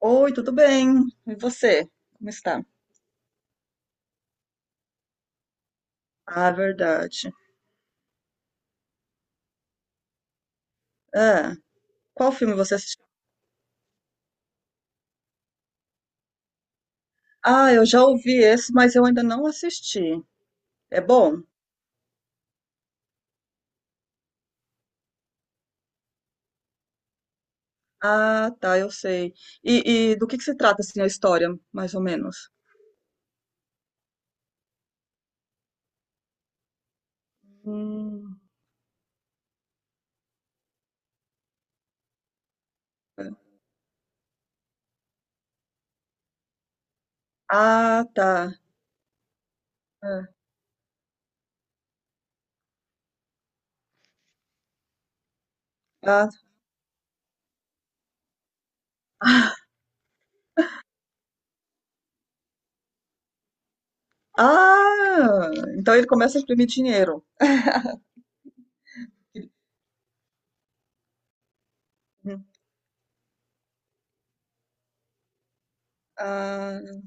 Oi, tudo bem? E você? Como está? Ah, verdade. Ah, qual filme você assistiu? Ah, eu já ouvi esse, mas eu ainda não assisti. É bom? Ah, tá, eu sei. E do que se trata, assim, a história, mais ou menos? Hum. Ah, tá. É. Ah, tá. Ah, então ele começa a imprimir dinheiro. Hum. Ah,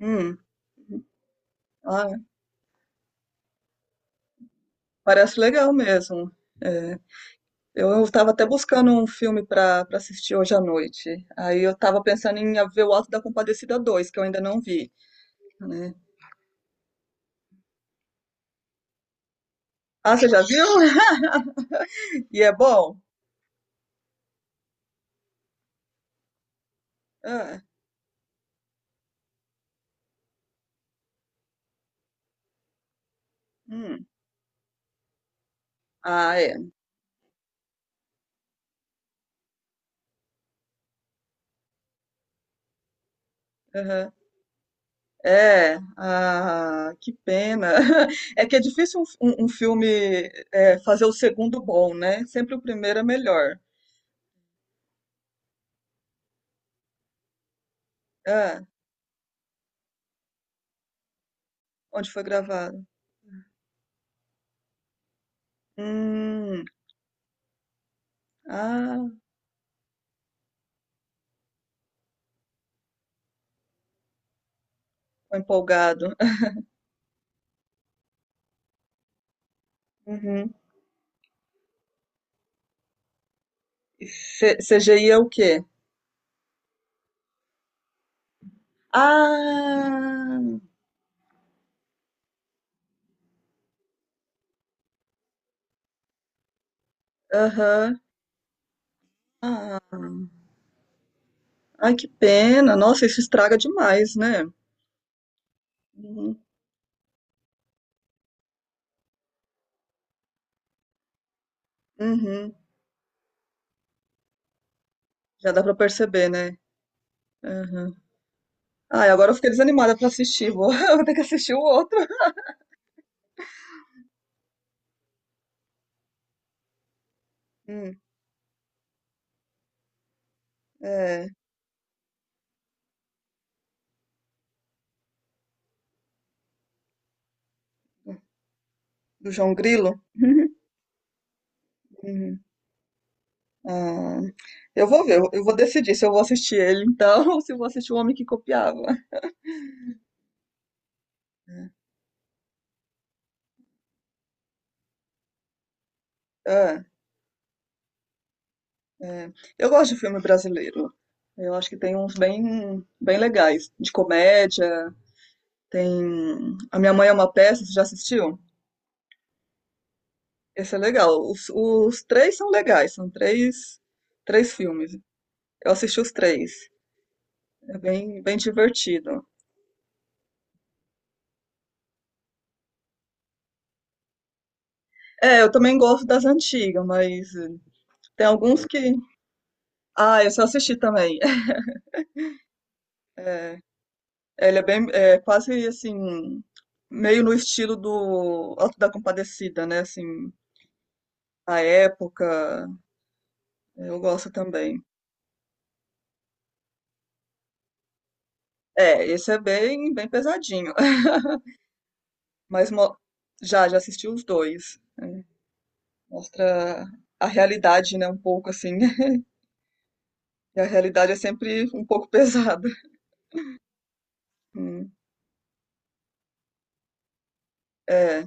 hum. Ah, parece legal mesmo. É. Eu estava até buscando um filme para assistir hoje à noite. Aí eu estava pensando em ver o Alto da Compadecida dois, que eu ainda não vi, né? Ah, você já viu? E é bom? Ah, hum. Ah, é. Aham. É. Ah, que pena. É que é difícil um filme fazer o segundo bom, né? Sempre o primeiro é melhor. Ah, onde foi gravado? Hum. Ah, tô empolgado. Uhum. E CGI é o quê? Ah, aham. Ah, ai, que pena. Nossa, isso estraga demais, né? Uhum, uhum. Já dá pra perceber, né? Uhum. Ai, agora eu fiquei desanimada pra assistir. Vou, eu vou ter que assistir o outro. Hum, é, do João Grilo. Uhum. Ah, eu vou ver, eu vou decidir se eu vou assistir ele então, ou se eu vou assistir O Homem que Copiava. É, é. Eu gosto de filme brasileiro. Eu acho que tem uns bem, bem legais, de comédia. Tem A Minha Mãe é uma Peça, você já assistiu? Esse é legal. Os três são legais, são três, três filmes. Eu assisti os três. É bem, bem divertido. É, eu também gosto das antigas, mas tem alguns que. Ah, esse eu assisti também. É, ele é bem, é quase assim, meio no estilo do Auto da Compadecida, né? Assim, a época, eu gosto também. É, esse é bem, bem pesadinho. Mas mo- já assisti os dois. Mostra a realidade, né, um pouco assim. E a realidade é sempre um pouco pesada. Hum, É,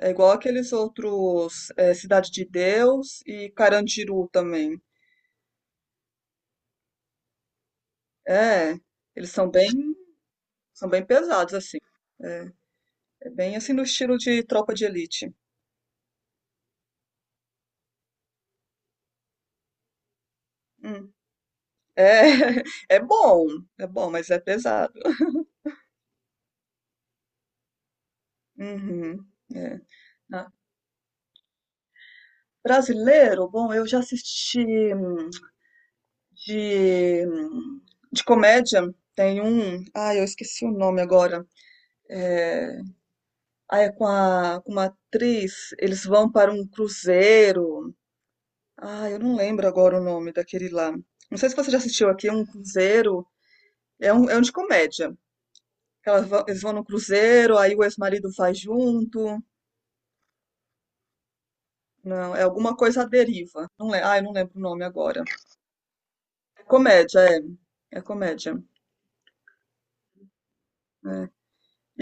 é igual aqueles outros, é, Cidade de Deus e Carandiru também. É, eles são bem pesados assim. É, é bem assim no estilo de Tropa de Elite. Hum, É, é bom, é bom, mas é pesado. Uhum, é. Ah, brasileiro, bom, eu já assisti hum, de, de comédia. Tem um. Ah, eu esqueci o nome agora. É, ah, é com, a, com uma atriz. Eles vão para um cruzeiro. Ah, eu não lembro agora o nome daquele lá. Não sei se você já assistiu aqui, um cruzeiro. É um de comédia. Elas vão, eles vão no cruzeiro, aí o ex-marido vai junto. Não, é alguma coisa à deriva. Não, ah, eu não lembro o nome agora. É comédia, é. É comédia. É.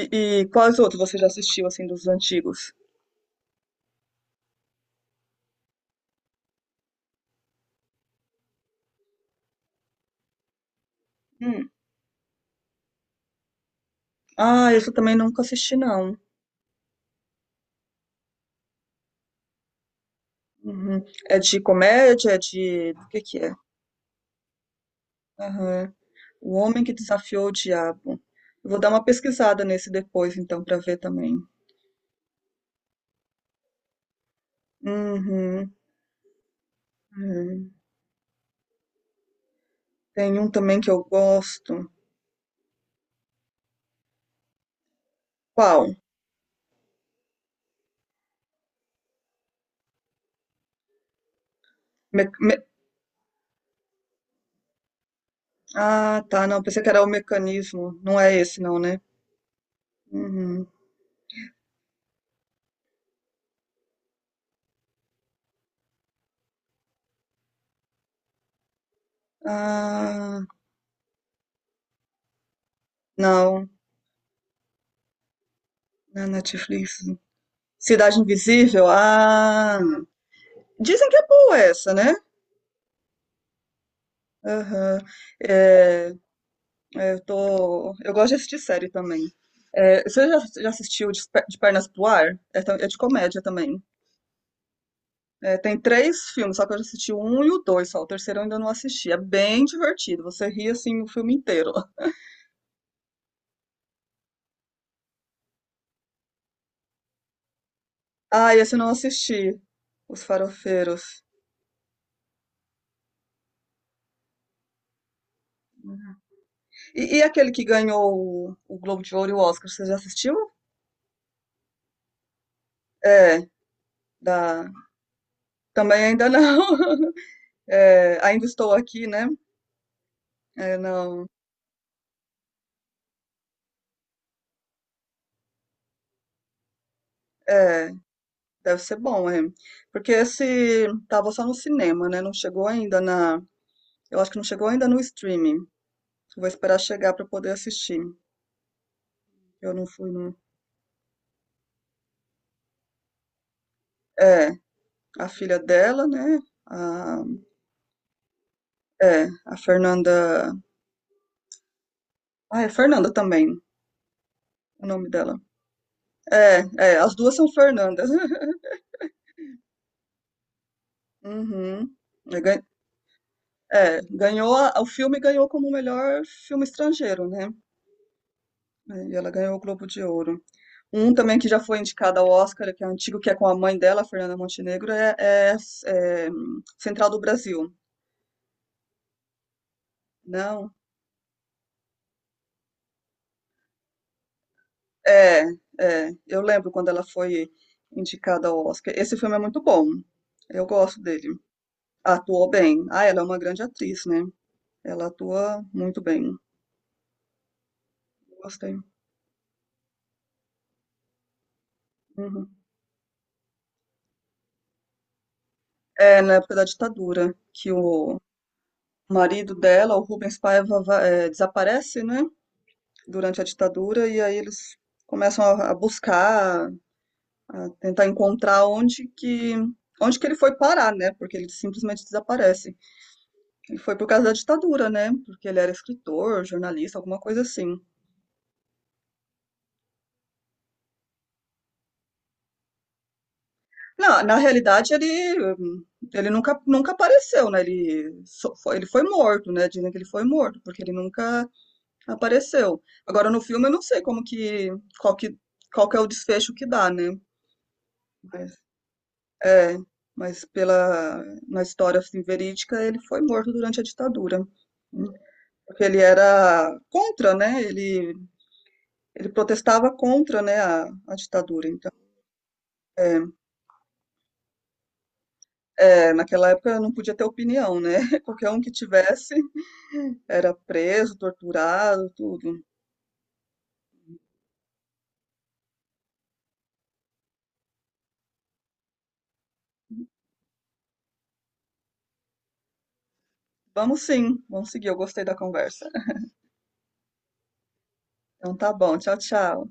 E quais outros você já assistiu, assim, dos antigos? Hum. Ah, esse eu também nunca assisti, não. Uhum. É de comédia? É de. O que que é? Aham. O Homem que Desafiou o Diabo. Eu vou dar uma pesquisada nesse depois, então, pra ver também. Uhum. Uhum. Tem um também que eu gosto. Qual? Me- me- Ah, tá, não. Pensei que era o mecanismo. Não é esse, não, né? Uhum. Ah, não. Na Netflix. Cidade Invisível? Ah. Dizem que é boa essa, né? Aham. É, eu tô. Eu gosto de assistir série também. É, você já assistiu De Pernas pro Ar? É, é de comédia também. É, tem três filmes, só que eu já assisti o um e o dois só. O terceiro eu ainda não assisti. É bem divertido. Você ri assim o filme inteiro. Ah, esse eu não assisti. Os Farofeiros. E aquele que ganhou o Globo de Ouro e o Oscar, você já assistiu? É, da. Também ainda não. É, ainda estou aqui, né? É, não. É. Deve ser bom, é. Porque esse tava só no cinema, né? Não chegou ainda na. Eu acho que não chegou ainda no streaming. Vou esperar chegar para poder assistir. Eu não fui no. É, a filha dela, né? A... É, a Fernanda. Ah, é Fernanda também, o nome dela. É, é, as duas são Fernandas. Uhum. É, é, ganhou, o filme ganhou como melhor filme estrangeiro, né? É, e ela ganhou o Globo de Ouro. Um também que já foi indicado ao Oscar, que é antigo, que é com a mãe dela, Fernanda Montenegro, Central do Brasil. Não, é, é. Eu lembro quando ela foi indicada ao Oscar. Esse filme é muito bom. Eu gosto dele. Atuou bem. Ah, ela é uma grande atriz, né? Ela atua muito bem. Gostei. Uhum. É na época da ditadura que o marido dela, o Rubens Paiva, é, desaparece, né? Durante a ditadura e aí eles começam a buscar a tentar encontrar onde que ele foi parar, né? Porque ele simplesmente desaparece. Ele foi por causa da ditadura, né? Porque ele era escritor, jornalista, alguma coisa assim. Na realidade, ele, ele nunca apareceu, né? Ele, só foi, ele foi morto, né? Dizem que ele foi morto, porque ele nunca apareceu. Agora, no filme, eu não sei como que, qual que, qual que é o desfecho que dá, né? Mas, é, mas pela, na história assim, verídica, ele foi morto durante a ditadura. Porque ele era contra, né? Ele protestava contra, né, a ditadura. Então, é, é, naquela época não podia ter opinião, né? Qualquer um que tivesse era preso, torturado, tudo. Vamos sim, vamos seguir. Eu gostei da conversa. Então tá bom, tchau, tchau.